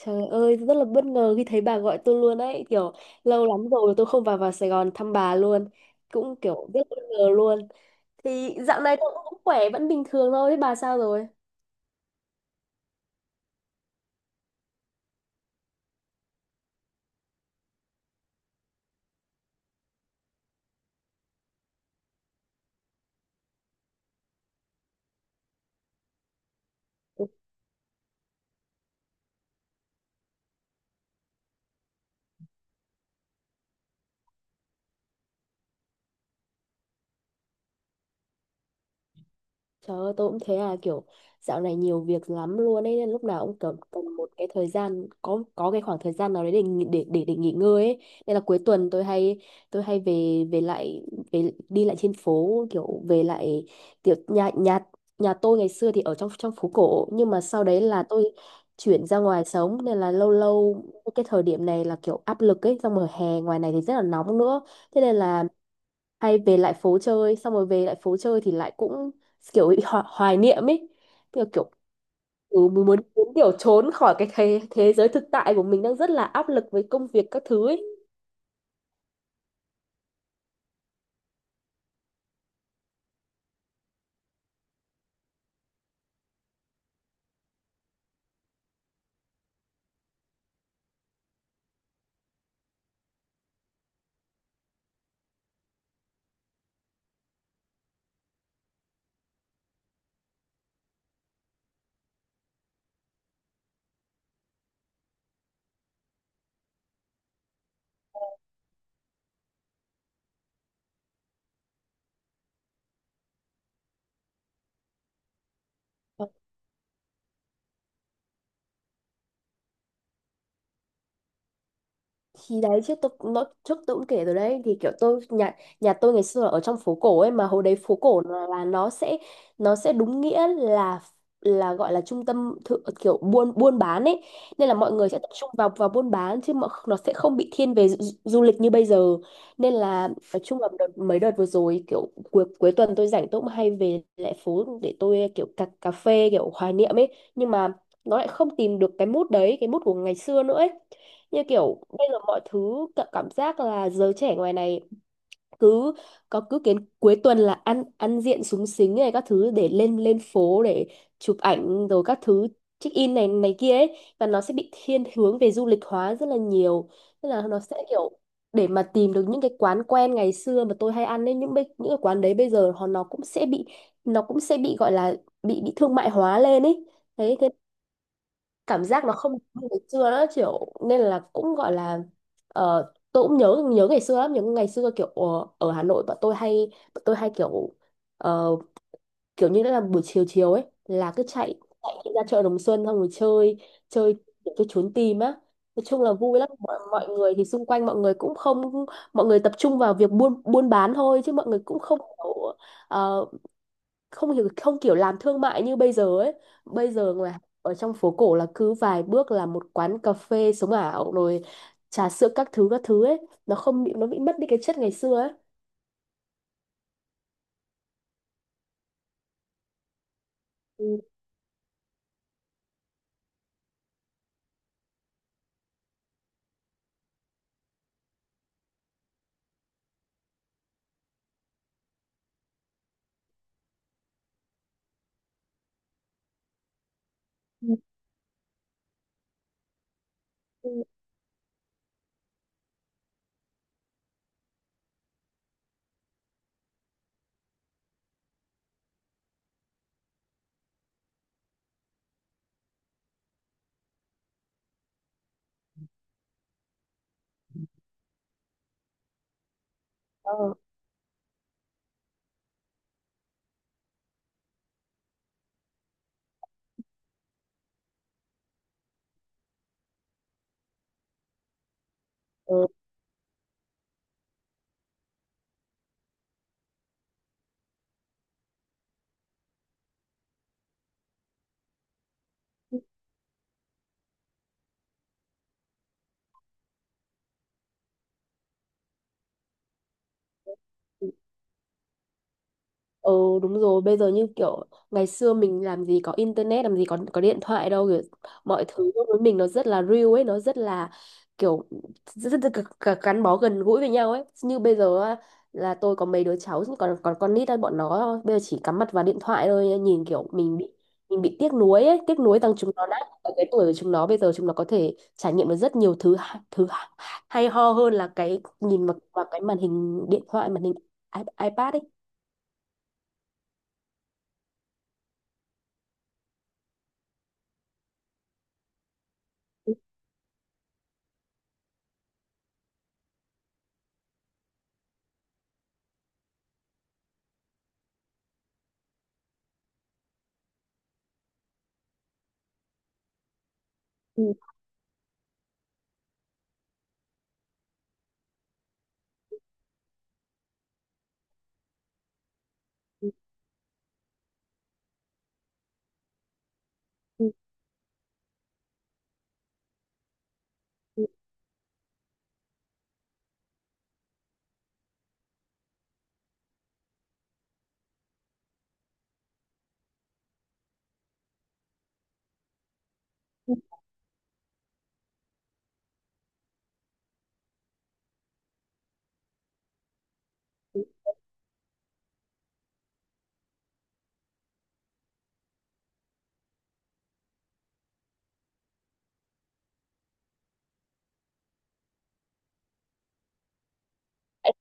Trời ơi, rất là bất ngờ khi thấy bà gọi tôi luôn ấy, kiểu lâu lắm rồi tôi không vào vào Sài Gòn thăm bà luôn. Cũng kiểu rất bất ngờ luôn. Thì dạo này tôi cũng khỏe, vẫn bình thường thôi, thế bà sao rồi? Trời ơi, tôi cũng thế à, kiểu dạo này nhiều việc lắm luôn ấy, nên lúc nào cũng cần, cần một cái thời gian, có cái khoảng thời gian nào đấy để để nghỉ ngơi ấy. Nên là cuối tuần tôi hay, tôi hay về về lại, về đi lại trên phố, kiểu về lại, kiểu nhà nhà nhà tôi ngày xưa thì ở trong trong phố cổ, nhưng mà sau đấy là tôi chuyển ra ngoài sống, nên là lâu lâu cái thời điểm này là kiểu áp lực ấy, xong rồi hè ngoài này thì rất là nóng nữa. Thế nên là hay về lại phố chơi, xong rồi về lại phố chơi thì lại cũng kiểu bị ho hoài niệm ấy, kiểu kiểu ừ, mình muốn muốn kiểu trốn khỏi cái thế giới thực tại của mình đang rất là áp lực với công việc các thứ ấy. Thì đấy chứ tôi cũng- Nó trước tôi cũng kể rồi đấy, thì kiểu tôi nhà, nhà tôi ngày xưa là ở trong phố cổ ấy, mà hồi đấy phố cổ là nó sẽ, nó sẽ đúng nghĩa là gọi là trung tâm thự, kiểu buôn buôn bán ấy, nên là mọi người sẽ tập trung vào vào buôn bán, chứ mà nó sẽ không bị thiên về du lịch như bây giờ. Nên là nói chung là đợt, mấy đợt vừa rồi, kiểu cuối cuối tuần tôi rảnh, tôi cũng hay về lại phố để tôi kiểu cà phê kiểu hoài niệm ấy, nhưng mà nó lại không tìm được cái mút đấy, cái mút của ngày xưa nữa ấy. Như kiểu bây giờ mọi thứ cảm giác là giới trẻ ngoài này cứ có cứ kiến cuối tuần là ăn ăn diện súng xính này các thứ để lên lên phố để chụp ảnh rồi các thứ, check in này này kia ấy, và nó sẽ bị thiên hướng về du lịch hóa rất là nhiều. Tức là nó sẽ kiểu, để mà tìm được những cái quán quen ngày xưa mà tôi hay ăn ấy, những cái quán đấy bây giờ họ nó cũng sẽ bị, nó cũng sẽ bị gọi là bị thương mại hóa lên ấy. Thế cảm giác nó không như ngày xưa nữa, kiểu nên là cũng gọi là, tôi cũng nhớ nhớ ngày xưa lắm, nhớ ngày xưa, kiểu ở Hà Nội bọn tôi hay, bọn tôi hay kiểu ờ, kiểu như là buổi chiều chiều ấy là cứ chạy, chạy ra chợ Đồng Xuân xong rồi chơi, chơi kiểu cái trốn tìm á. Nói chung là vui lắm, mọi, mọi người thì xung quanh mọi người cũng không, mọi người tập trung vào việc buôn buôn bán thôi, chứ mọi người cũng không kiểu, ờ, không hiểu không kiểu làm thương mại như bây giờ ấy. Bây giờ mà ở trong phố cổ là cứ vài bước là một quán cà phê sống ảo rồi trà sữa các thứ ấy, nó không bị, nó bị mất đi cái chất ngày xưa ấy. Ừ. Ừ. Ừ. Ờ, ờ. Ừ, đúng rồi, bây giờ như kiểu ngày xưa mình làm gì có internet, làm gì có điện thoại đâu, kiểu mọi thứ đối với mình nó rất là real ấy, nó rất là kiểu rất, rất, rất gắn gắn bó gần gũi với nhau ấy. Như bây giờ á, là tôi có mấy đứa cháu còn còn con nít á, bọn nó bây giờ chỉ cắm mặt vào điện thoại thôi, nhìn kiểu mình bị tiếc nuối ấy, tiếc nuối rằng chúng nó đã, ở cái tuổi của chúng nó bây giờ chúng nó có thể trải nghiệm được rất nhiều thứ hay ho hơn là cái nhìn vào cái màn hình điện thoại, màn hình iPad ấy. Ừ. Ừ, ừ, ừ, ừ. Tại,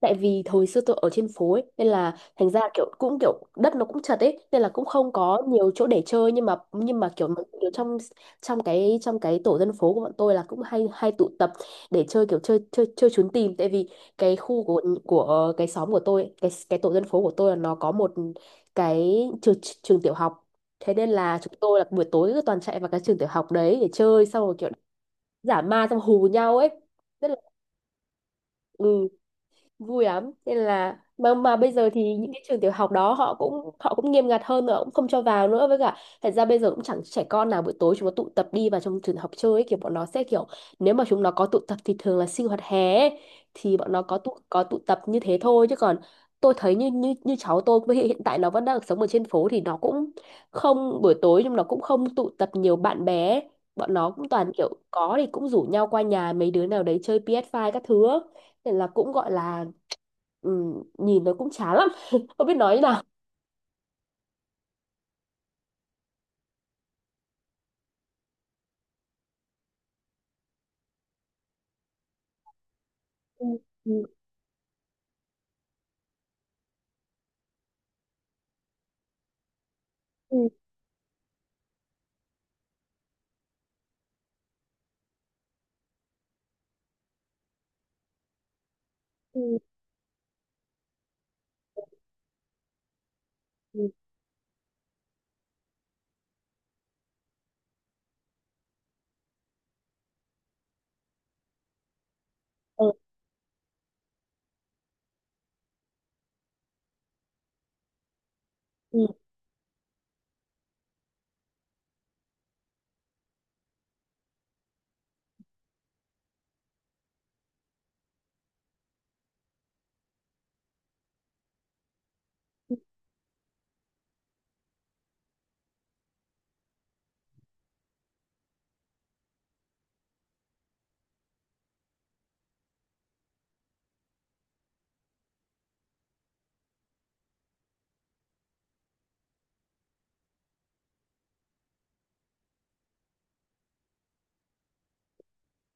tại vì thời xưa tôi ở trên phố ấy, nên là thành ra kiểu cũng kiểu đất nó cũng chật ấy, nên là cũng không có nhiều chỗ để chơi, nhưng mà kiểu, kiểu trong trong cái tổ dân phố của bọn tôi là cũng hay hay tụ tập để chơi, kiểu chơi chơi chơi trốn tìm, tại vì cái khu của cái xóm của tôi ấy, cái tổ dân phố của tôi là nó có một cái trường, trường tiểu học. Thế nên là chúng tôi là buổi tối cứ toàn chạy vào cái trường tiểu học đấy để chơi, xong rồi kiểu giả ma xong hù nhau ấy, rất là ừ vui lắm. Nên là mà bây giờ thì những cái trường tiểu học đó họ cũng, họ cũng nghiêm ngặt hơn, nữa cũng không cho vào nữa, với cả thật ra bây giờ cũng chẳng trẻ con nào buổi tối chúng nó tụ tập đi vào trong trường học chơi ấy, kiểu bọn nó sẽ kiểu, nếu mà chúng nó có tụ tập thì thường là sinh hoạt hè ấy, thì bọn nó có tụ tập như thế thôi, chứ còn tôi thấy như như như cháu tôi với hiện hiện tại nó vẫn đang sống ở trên phố, thì nó cũng không buổi tối, nhưng nó cũng không tụ tập nhiều bạn bè ấy. Bọn nó cũng toàn kiểu có thì cũng rủ nhau qua nhà mấy đứa nào đấy chơi PS5 các thứ á. Nên là cũng gọi là ừ, nhìn nó cũng chán lắm không biết nói như nào. Ừ, ừ, ừ, ừ, ừ, ờ, ừ,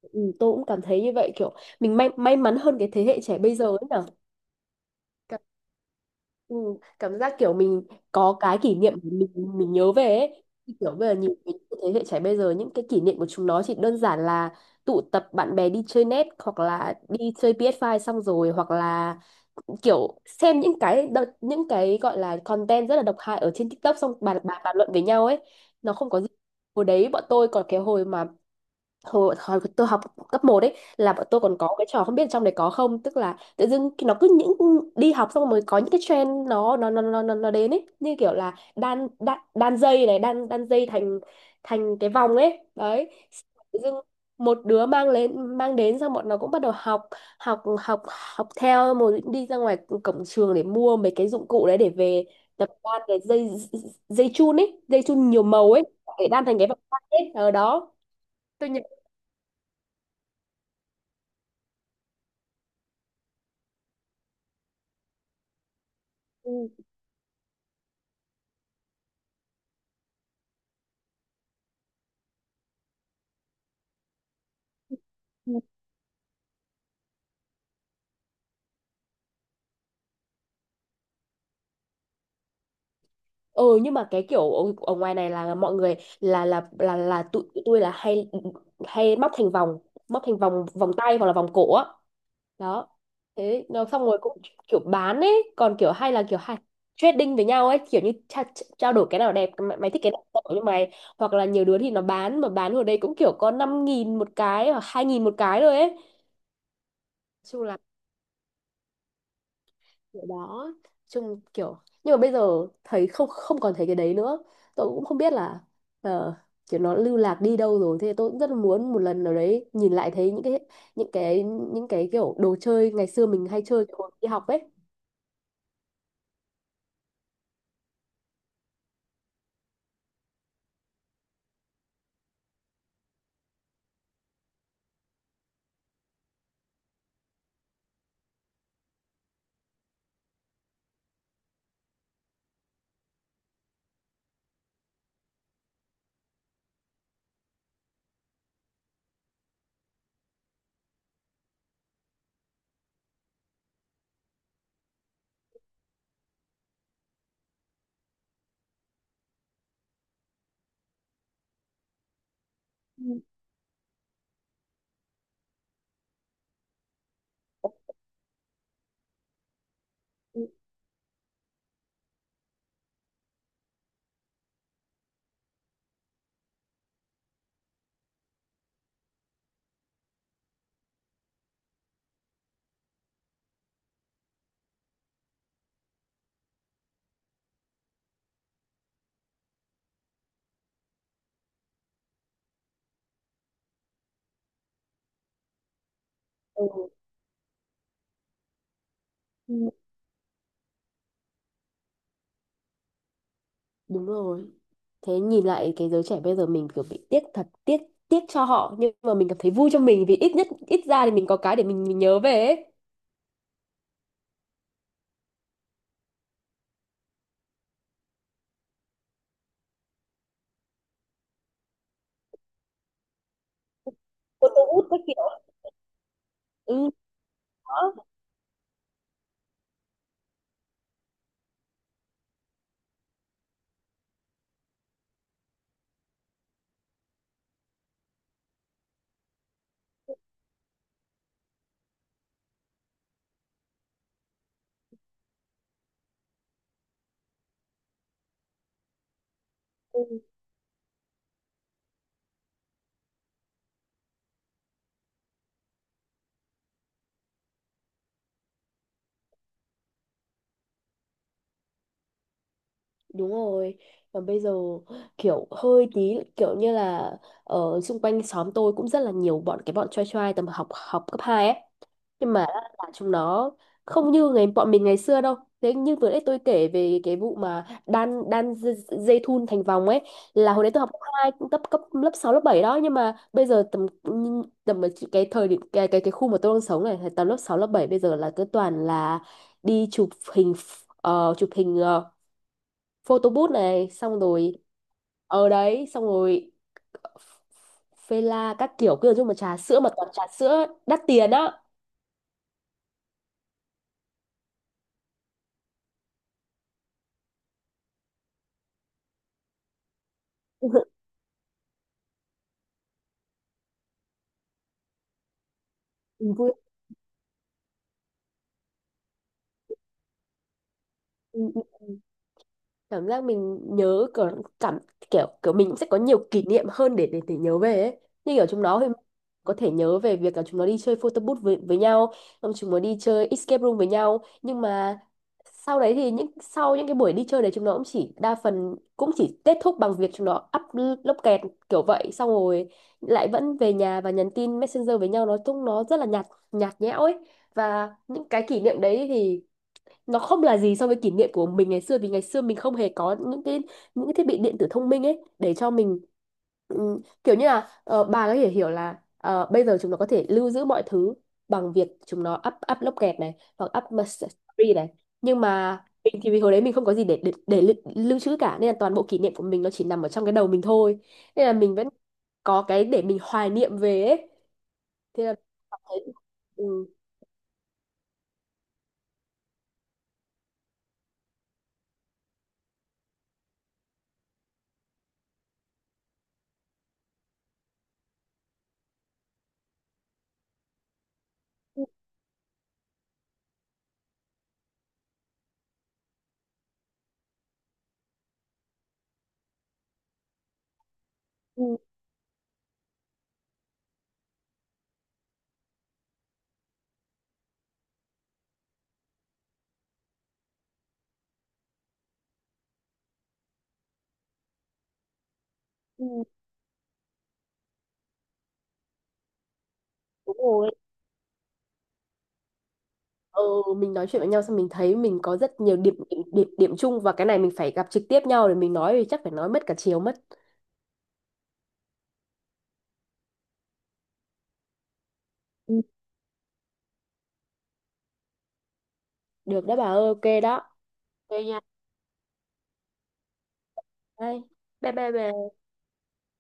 ừ, tôi cũng cảm thấy như vậy, kiểu mình may mắn hơn cái thế hệ trẻ bây giờ ấy nhỉ. Cảm- Ừ, cảm giác kiểu mình có cái kỷ niệm để mình nhớ về ấy. Thì kiểu bây giờ nhìn cái thế hệ trẻ bây giờ, những cái kỷ niệm của chúng nó chỉ đơn giản là tụ tập bạn bè đi chơi net, hoặc là đi chơi PS5 xong rồi, hoặc là kiểu xem những cái đợt, những cái gọi là content rất là độc hại ở trên TikTok xong bàn bàn bàn luận với nhau ấy. Nó không có gì. Hồi đấy bọn tôi còn cái hồi mà hồi tôi học cấp 1 ấy, là bọn tôi còn có cái trò, không biết trong đấy có không, tức là tự dưng nó cứ những đi học xong rồi có những cái trend nó đến ấy, như kiểu là đan đan, đan dây này, đan đan dây thành thành cái vòng ấy đấy. Tự dưng một đứa mang lên mang đến, xong bọn nó cũng bắt đầu học, học học theo, một đi ra ngoài cổng trường để mua mấy cái dụng cụ đấy để về tập đan cái dây, dây chun ấy, dây chun nhiều màu ấy, để đan thành cái vòng quanh ấy ở đó. Tôi nhớ. Ừ. Ừ, nhưng mà cái kiểu ở, ở ngoài này là mọi người là tụi tụi tôi là hay, hay móc thành vòng, móc thành vòng, vòng tay hoặc là vòng cổ á, đó. Thế nó xong rồi cũng kiểu bán ấy, còn kiểu hay là kiểu hay trading với nhau ấy, kiểu như trao đổi, cái nào đẹp mày, mày thích cái nào tao cho mày, hoặc là nhiều đứa thì nó bán, mà bán ở đây cũng kiểu có 5.000 một cái, hoặc 2.000 một cái rồi ấy. Nói chung là kiểu đó, chung kiểu, nhưng mà bây giờ thấy không, không còn thấy cái đấy nữa. Tôi cũng không biết là ờ, kiểu nó lưu lạc đi đâu rồi. Thế tôi cũng rất là muốn một lần nào đấy nhìn lại thấy những cái, những cái những cái kiểu đồ chơi ngày xưa mình hay chơi hồi đi học ấy. Ừ, ừ. Ừ, ừ. Đúng rồi, thế nhìn lại cái giới trẻ bây giờ mình kiểu bị tiếc, thật tiếc tiếc cho họ, nhưng mà mình cảm thấy vui cho mình, vì ít nhất ít ra thì mình có cái để mình nhớ về ấy. Cô Tô Út các kiểu ừ đó. Đúng rồi, và bây giờ kiểu hơi tí kiểu như là, ở xung quanh xóm tôi cũng rất là nhiều bọn, cái bọn trai trai tầm học học cấp 2 ấy. Nhưng mà là chúng nó không như ngày bọn mình ngày xưa đâu. Thế như vừa nãy tôi kể về cái vụ mà đan đan dây, dây thun thành vòng ấy, là hồi đấy tôi học cấp 2 cũng cấp cấp lớp 6 lớp 7 đó, nhưng mà bây giờ tầm, ở cái thời điểm cái khu mà tôi đang sống này tầm lớp 6 lớp 7 bây giờ là cứ toàn là đi chụp hình, ờ, chụp hình ờ, Photo booth này xong rồi, ở đấy xong rồi phê la các kiểu, kiểu chung mà trà sữa mà toàn trà sữa đắt tiền á. Ừ, vui, cảm giác mình nhớ kiểu cảm, kiểu kiểu mình cũng sẽ có nhiều kỷ niệm hơn để để nhớ về ấy. Như kiểu chúng nó thì có thể nhớ về việc là chúng nó đi chơi photo booth với nhau, xong chúng nó đi chơi escape room với nhau, nhưng mà sau đấy thì những, sau những cái buổi đi chơi đấy chúng nó cũng chỉ đa phần cũng chỉ kết thúc bằng việc chúng nó up lốc kẹt kiểu vậy, xong rồi lại vẫn về nhà và nhắn tin Messenger với nhau. Nói chung nó rất là nhạt, nhạt nhẽo ấy, và những cái kỷ niệm đấy thì nó không là gì so với kỷ niệm của mình ngày xưa, vì ngày xưa mình không hề có những cái, những cái thiết bị điện tử thông minh ấy để cho mình, ừ, kiểu như là bà có thể hiểu là bây giờ chúng nó có thể lưu giữ mọi thứ bằng việc chúng nó up up log kẹt này hoặc up mà story này, nhưng mà mình thì vì hồi đấy mình không có gì để để lưu trữ cả, nên là toàn bộ kỷ niệm của mình nó chỉ nằm ở trong cái đầu mình thôi, nên là mình vẫn có cái để mình hoài niệm về ấy. Thế là cảm thấy ừ, ừ, ừ, ừ, đúng rồi. Ừ, mình nói chuyện với nhau xong mình thấy mình có rất nhiều điểm chung, và cái này mình phải gặp trực tiếp nhau để mình nói thì chắc phải nói mất cả chiều mất. Ừ. Được đó bà ơi, ok đó, ok nha. Đây. Bye bye bà.